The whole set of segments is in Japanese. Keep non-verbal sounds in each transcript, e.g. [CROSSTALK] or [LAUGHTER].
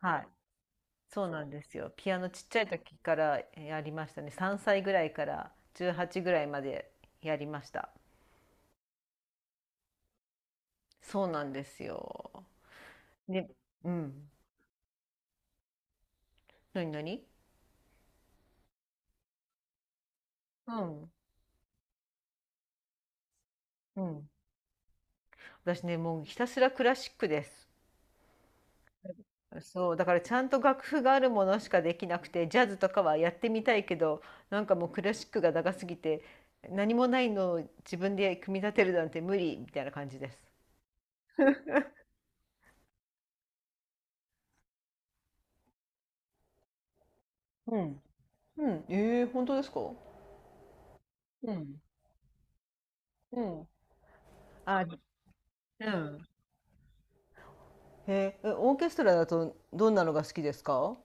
はい。そうなんですよ。ピアノちっちゃい時からやりましたね。3歳ぐらいから18ぐらいまでやりました。そうなんですよ。で、うん。なになに。うん。うん。私ね、もうひたすらクラシックです。そう、だからちゃんと楽譜があるものしかできなくて、ジャズとかはやってみたいけど、なんかもうクラシックが長すぎて、何もないのを自分で組み立てるなんて無理みたいな感じです。うん。うん。ええ、本当ですか？うん。うん。あ、うん、へえ、オーケストラだとどんなのが好きですか？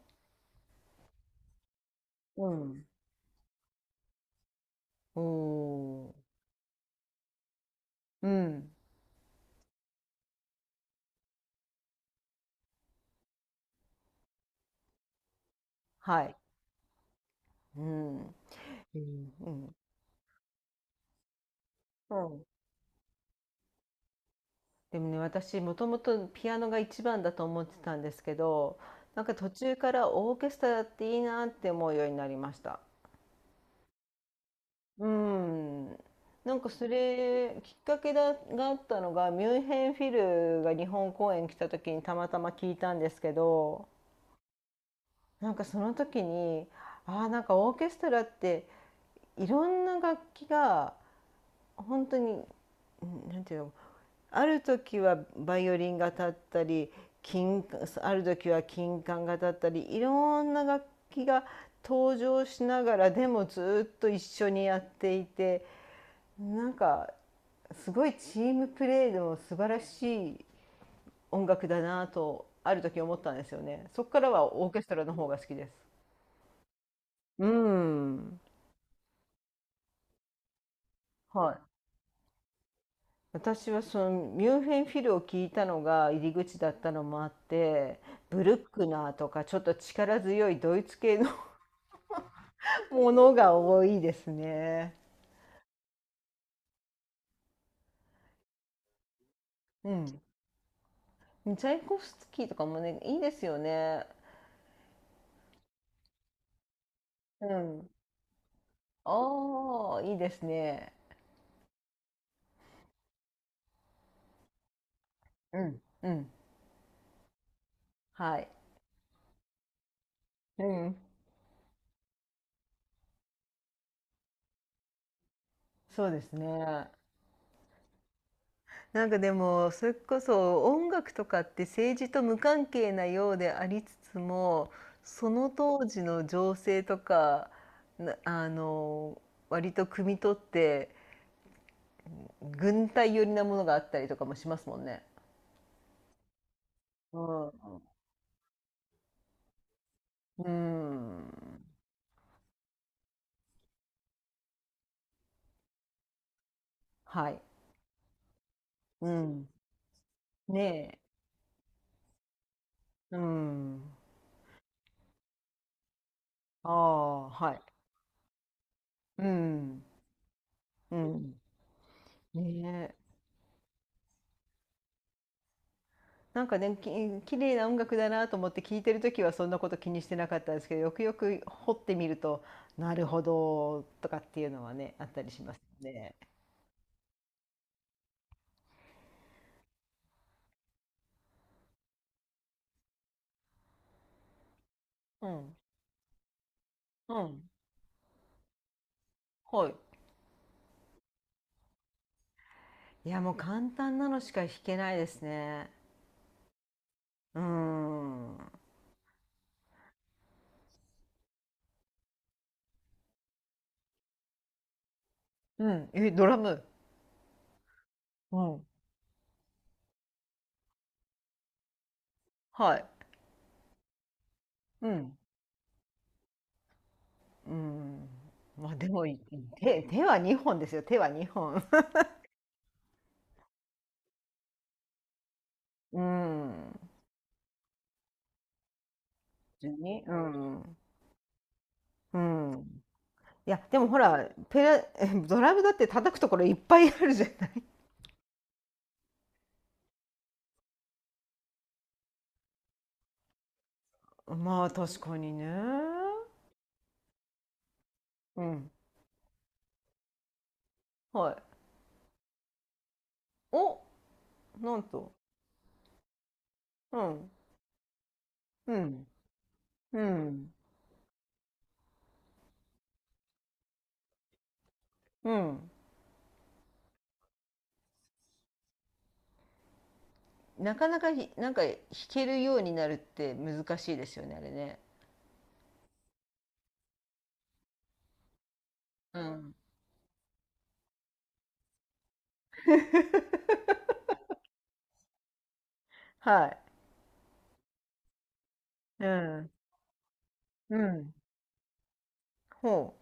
うん。おおー、うん、はい、うん、うん、うん。そう、でもね、私もともとピアノが一番だと思ってたんですけど、なんか途中からオーケストラっていいなって思うようになりました。うん。なんかそれきっかけだがあったのがミュンヘンフィルが日本公演来た時にたまたま聞いたんですけど、なんかその時に、ああ、なんかオーケストラっていろんな楽器が本当に、なんていうの、ある時はバイオリンが立ったり、金ある時は金管が立ったり、いろんな楽器が登場しながらでもずっと一緒にやっていて、なんかすごいチームプレーの素晴らしい音楽だなとある時思ったんですよね。そこからはオーケストラの方が好きです。うん。はい、私はそのミュンヘンフィルを聞いたのが入り口だったのもあって、ブルックナーとかちょっと力強いドイツ系の [LAUGHS] ものが多いですね。うん、チャイコフスキーとかもねいいですよね。うん、ああいいですね。うん、うん、はい。うん、そうですね。なんかでもそれこそ音楽とかって政治と無関係なようでありつつも、その当時の情勢とか、な割と汲み取って、軍隊寄りなものがあったりとかもしますもんね。うん。うん。はい。うん。ねえ。うん。ああ、はい。うん。うん。ねえ。なんかね、綺麗な音楽だなと思って聴いてる時はそんなこと気にしてなかったんですけど、よくよく掘ってみるとなるほどとかっていうのはね、あったりしますね。うん、うん、はい。いやもう簡単なのしか弾けないですね。うーん。うん。えドラム。うん。はい。うん。うん。まあでも手は2本ですよ。手は2本。うん。[LAUGHS] 順にうん。うん。いやでもほら、[LAUGHS] ドラムだって叩くところいっぱいあるじゃない。 [LAUGHS] まあ確かにね。うん。はい。お、なんと。うん。うん。うん。うん。なかなかなんか弾けるようになるって難しいですよね、あれね。うん。 [LAUGHS]、はい。うん。うん。ほう。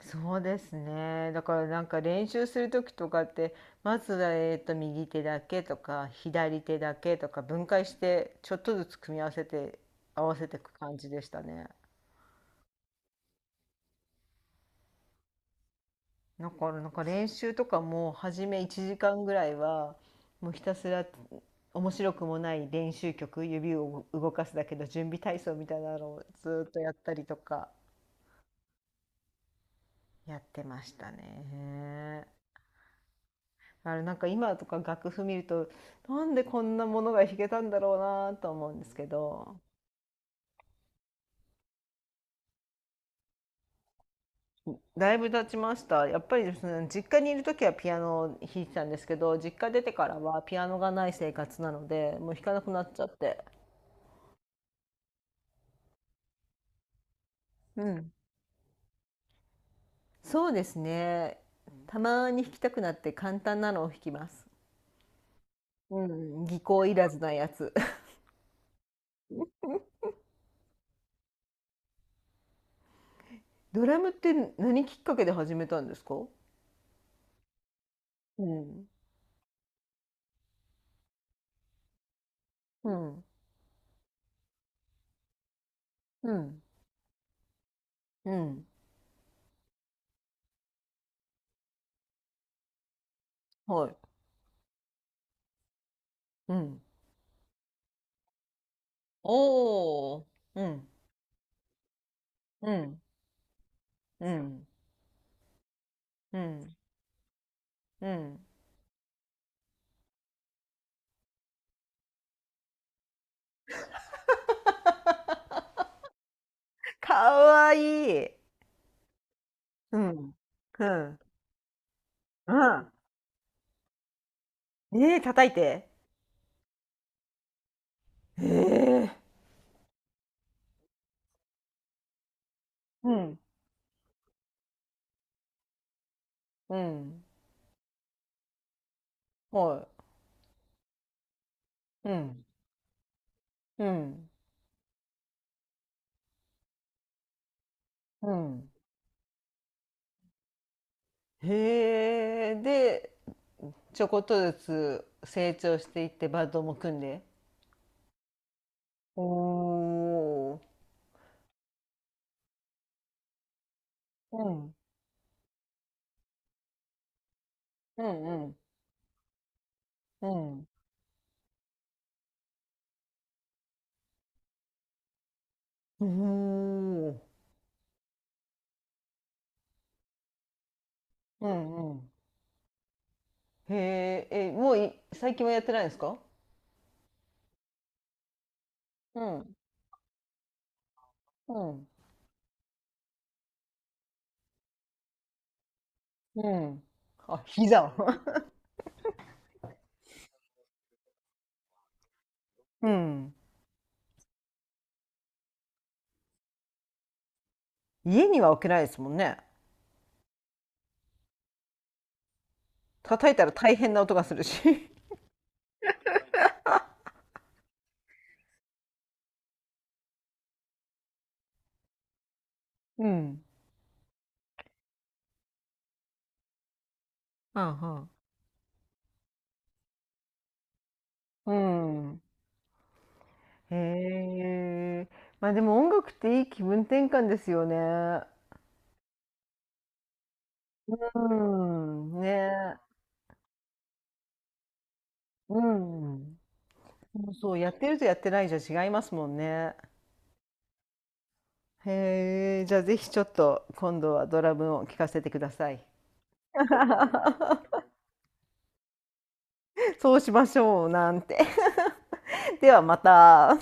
そうですね。だからなんか練習する時とかって、まずは右手だけとか左手だけとか分解してちょっとずつ組み合わせて合わせていく感じでしたね。だからなんか練習とかも初め1時間ぐらいはもうひたすら面白くもない練習曲、指を動かすだけの準備体操みたいなのをずっとやったりとかやってましたね。あれなんか今とか楽譜見ると、なんでこんなものが弾けたんだろうなと思うんですけど、だいぶ経ちましたやっぱりですね。実家にいる時はピアノを弾いてたんですけど、実家出てからはピアノがない生活なのでもう弾かなくなっちゃって。うん、そうですね、たまに弾きたくなって簡単なのを弾きます。うん、技巧いらずなやつ。 [LAUGHS] ドラムって何きっかけで始めたんですか？うん。うん。うん。うん。はい。うん。おー、うん、うん、うん、うん、うん。かわいい。うん、うん、うん。ねえ、叩いて。ええ。うん、うん、はい、うん、うん、うん。へえ、で、ちょこっとずつ成長していってバンドも組んで。おー。うん、うん、うん、うん。おお、うん、うん。へえ、え、もう最近はやってないんですか？うん、うん、うん。あ、膝を。[LAUGHS] うん。家には置けないですもんね。叩いたら大変な音がするし。[LAUGHS] うん。うん、うん。うん、へえ。まあでも音楽っていい気分転換ですよね。うん。ね。うん。そう、やってるとやってないじゃ違いますもんね。へえ。じゃあぜひちょっと今度はドラムを聴かせてください。[LAUGHS] そうしましょう、なんて。ではまた。